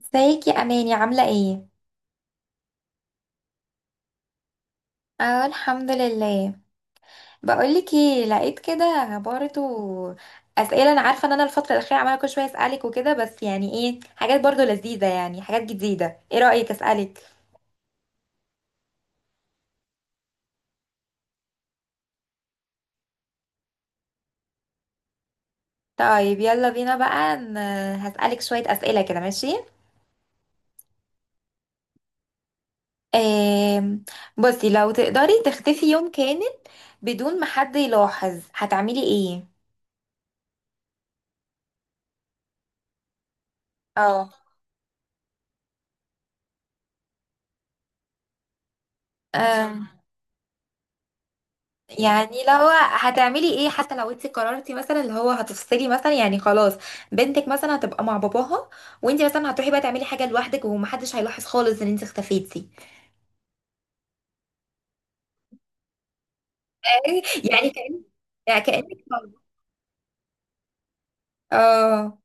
ازيك يا اماني، عامله ايه؟ اه، الحمد لله. بقولك ايه، لقيت كده برضو اسئله. انا عارفه ان انا الفتره الاخيره عماله كل شويه اسالك وكده، بس يعني ايه، حاجات برضو لذيذه، يعني حاجات جديده، ايه رايك اسالك؟ طيب يلا بينا بقى، هسالك شويه اسئله كده، ماشي؟ آم، بصي، لو تقدري تختفي يوم كامل بدون ما حد يلاحظ، هتعملي ايه؟ اه. آم، يعني لو هتعملي ايه، حتى لو انت قررتي مثلا اللي هو هتفصلي مثلا، يعني خلاص، بنتك مثلا هتبقى مع باباها، وانت مثلا هتروحي بقى تعملي حاجه لوحدك ومحدش هيلاحظ خالص ان انت اختفيتي. يعني كأن، يعني كأنك، اه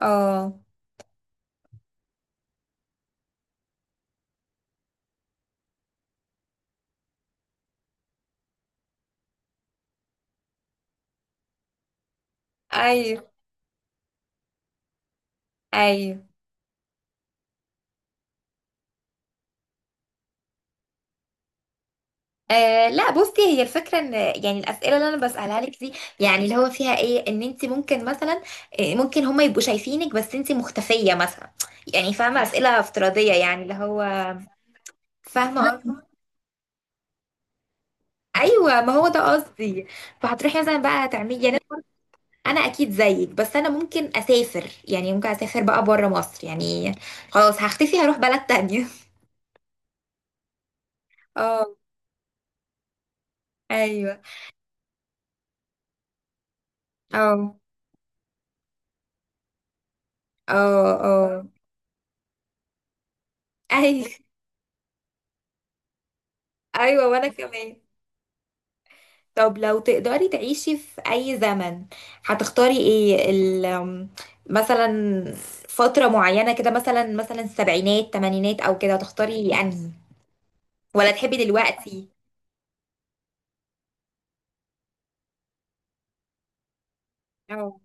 اه. ايوه ايوه. لا، بصي، هي الفكره ان يعني الاسئله اللي انا بسالها لك دي، يعني اللي هو فيها ايه، ان انت ممكن مثلا، ممكن هم يبقوا شايفينك بس انت مختفيه مثلا، يعني فاهمه؟ اسئله افتراضيه يعني اللي هو، فاهمه. ايوه، ما هو ده قصدي. فهتروحي مثلا بقى تعملي، يعني انا اكيد زيك، بس انا ممكن اسافر، يعني ممكن اسافر بقى بره مصر يعني. خلاص هختفي، هروح بلد تانية. اه. ايوه. اه اه اه. ايوه ايوه، وانا كمان. طب لو تقدري تعيشي في اي زمن، هتختاري ايه؟ ال أم، مثلا فترة معينة كده، مثلا السبعينات، تمانينات، او كده، هتختاري انهي، ولا تحبي دلوقتي؟ آه.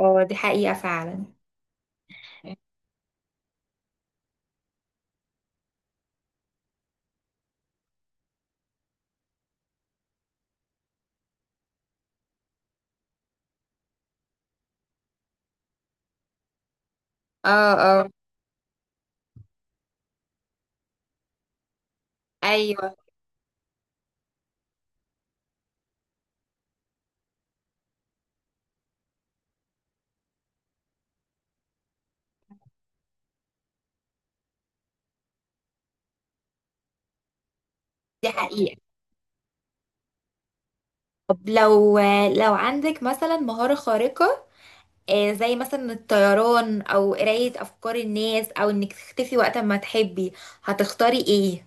اه، دي حقيقة فعلا. اه اه. ايوه، دي حقيقة. طب لو عندك مثلا مهارة خارقة، زي مثلا الطيران، او قراية افكار الناس، او انك تختفي وقت ما تحبي، هتختاري ايه؟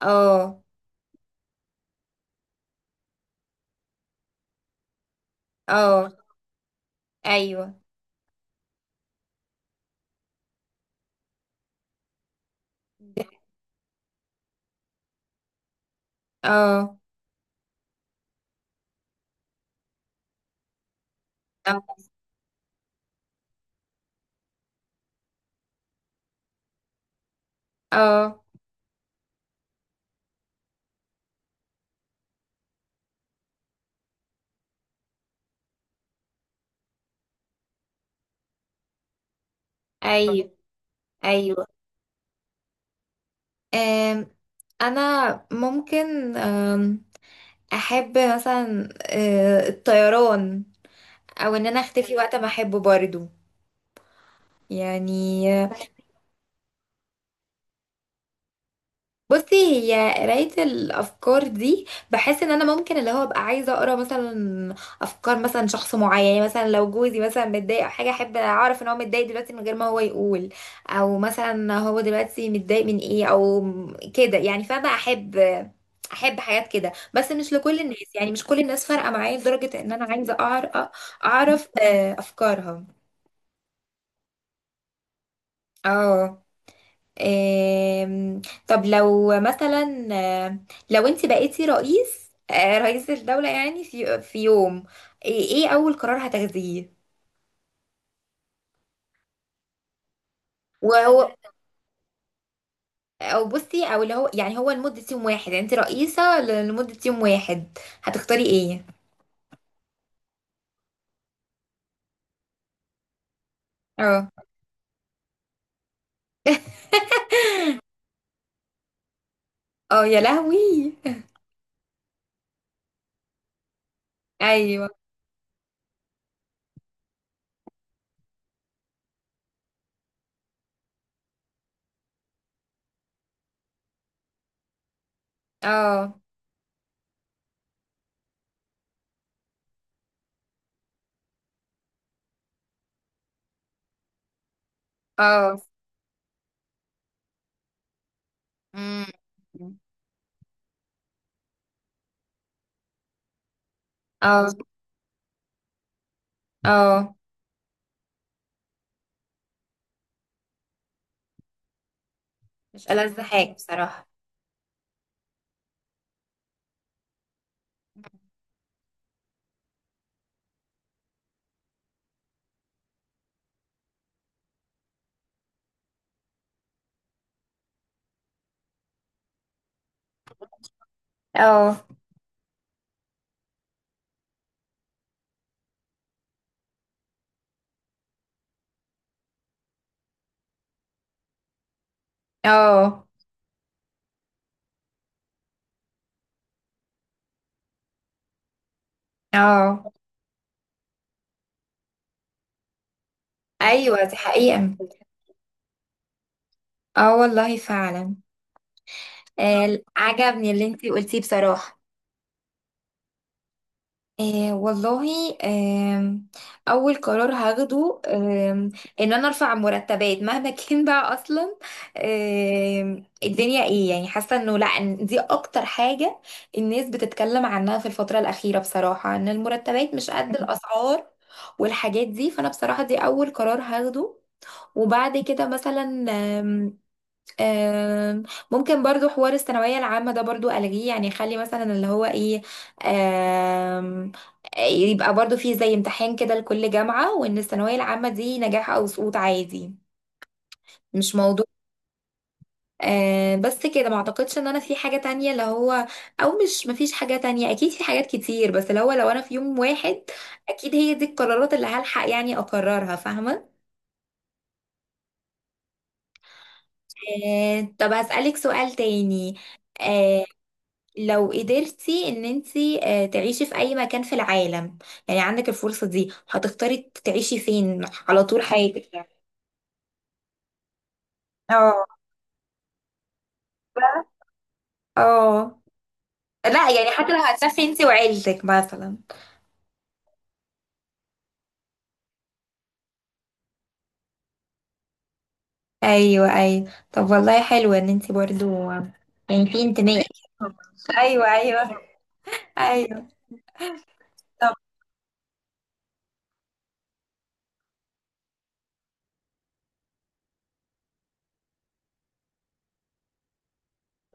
اه اه. ايوه. اه اه. آه، ايوه ايوه. آم، انا ممكن، احب مثلا الطيران، او ان انا اختفي وقت ما احبه برضو يعني. بصي، هي قراية الأفكار دي، بحس إن أنا ممكن اللي هو أبقى عايزة أقرأ مثلا أفكار مثلا شخص معين، يعني مثلا لو جوزي مثلا متضايق أو حاجة، أحب أعرف إن هو متضايق دلوقتي من غير ما هو يقول، أو مثلا هو دلوقتي متضايق من إيه، أو كده يعني. فأنا أحب حاجات كده، بس مش لكل الناس، يعني مش كل الناس فارقة معايا لدرجة إن أنا عايزة، أعرف أفكارها. اه. آم، طب لو مثلا، لو انت بقيتي رئيس، رئيس الدولة يعني، في يوم، إيه اول قرار هتاخديه؟ وهو، او بصي، او اللي هو يعني هو لمدة يوم واحد، يعني انت رئيسة لمدة يوم واحد، هتختاري ايه؟ اه. اه يا لهوي. ايوه. اه اه. أمم. اه اه، مش ألذ حاجة بصراحة. اه اه اه. ايوه، دي حقيقة. اه والله فعلا. آه، عجبني اللي انتي قلتيه بصراحة. آه والله، اول قرار هاخده، ان انا ارفع مرتبات مهما كان بقى اصلا. الدنيا ايه يعني، حاسة انه لا، إن دي اكتر حاجة الناس بتتكلم عنها في الفترة الاخيرة بصراحة، ان المرتبات مش قد الاسعار والحاجات دي. فانا بصراحة دي اول قرار هاخده. وبعد كده مثلا، آم، ممكن برضو حوار الثانوية العامة ده برضو ألغيه، يعني خلي مثلا اللي هو ايه، آم، يبقى برضو فيه زي امتحان كده لكل جامعة، وإن الثانوية العامة دي نجاح أو سقوط عادي، مش موضوع. آه بس كده، ما اعتقدش ان انا في حاجة تانية اللي هو، او مش، مفيش حاجة تانية اكيد، في حاجات كتير، بس اللي هو لو انا في يوم واحد اكيد هي دي القرارات اللي هلحق يعني اقررها، فاهمة. آه، طب هسألك سؤال تاني، آه، لو قدرتي ان انتي تعيشي في اي مكان في العالم، يعني عندك الفرصة دي، هتختاري تعيشي فين على طول حياتك يعني؟ اه اه. لا يعني حتى لو هتسافري انتي وعيلتك مثلا. ايوه ايوه، طب والله حلو ان انتي برضو يعني، في انتماء. ايوه ايوه ايوه. طب.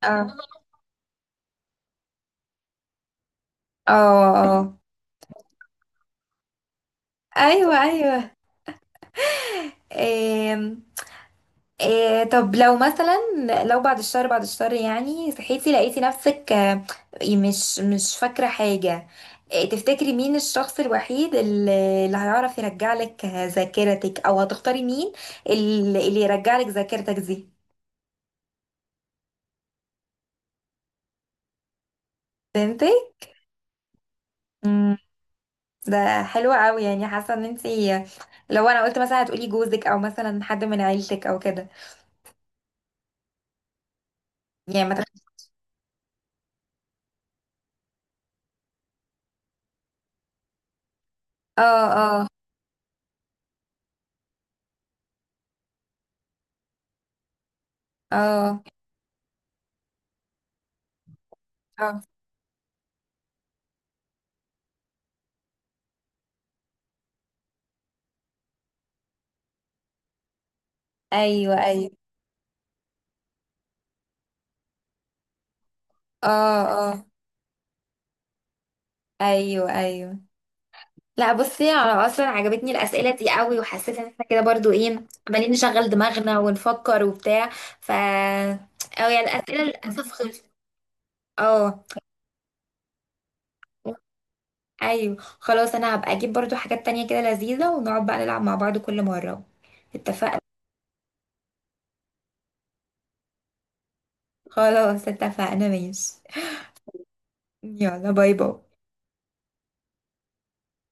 اه اه اه. ايوه ايوه. إيه طب لو مثلا، بعد الشهر، يعني صحيتي لقيتي نفسك، مش فاكرة حاجة، إيه تفتكري مين الشخص الوحيد اللي، اللي هيعرف يرجع لك ذاكرتك، او هتختاري مين اللي، اللي يرجع لك ذاكرتك دي؟ فهمتي؟ مم، ده حلو قوي يعني. حاسة ان انتي، لو انا قلت مثلا هتقولي جوزك، او مثلا حد من عيلتك او كده، يعني ما تخ- اه اه اه اه. ايوه ايوه. اه اه. ايوه ايوه. لا بصي، انا اصلا عجبتني الاسئله دي قوي، وحسيت ان احنا كده برضو ايه، عمالين نشغل دماغنا ونفكر وبتاع. ف، او يعني الاسئله للاسف خلصت. اه. ايوه خلاص، انا هبقى اجيب برضو حاجات تانية كده لذيذه، ونقعد بقى نلعب مع بعض كل مره، اتفقنا؟ خلاص اتفقنا، ماشي. يلا باي باي.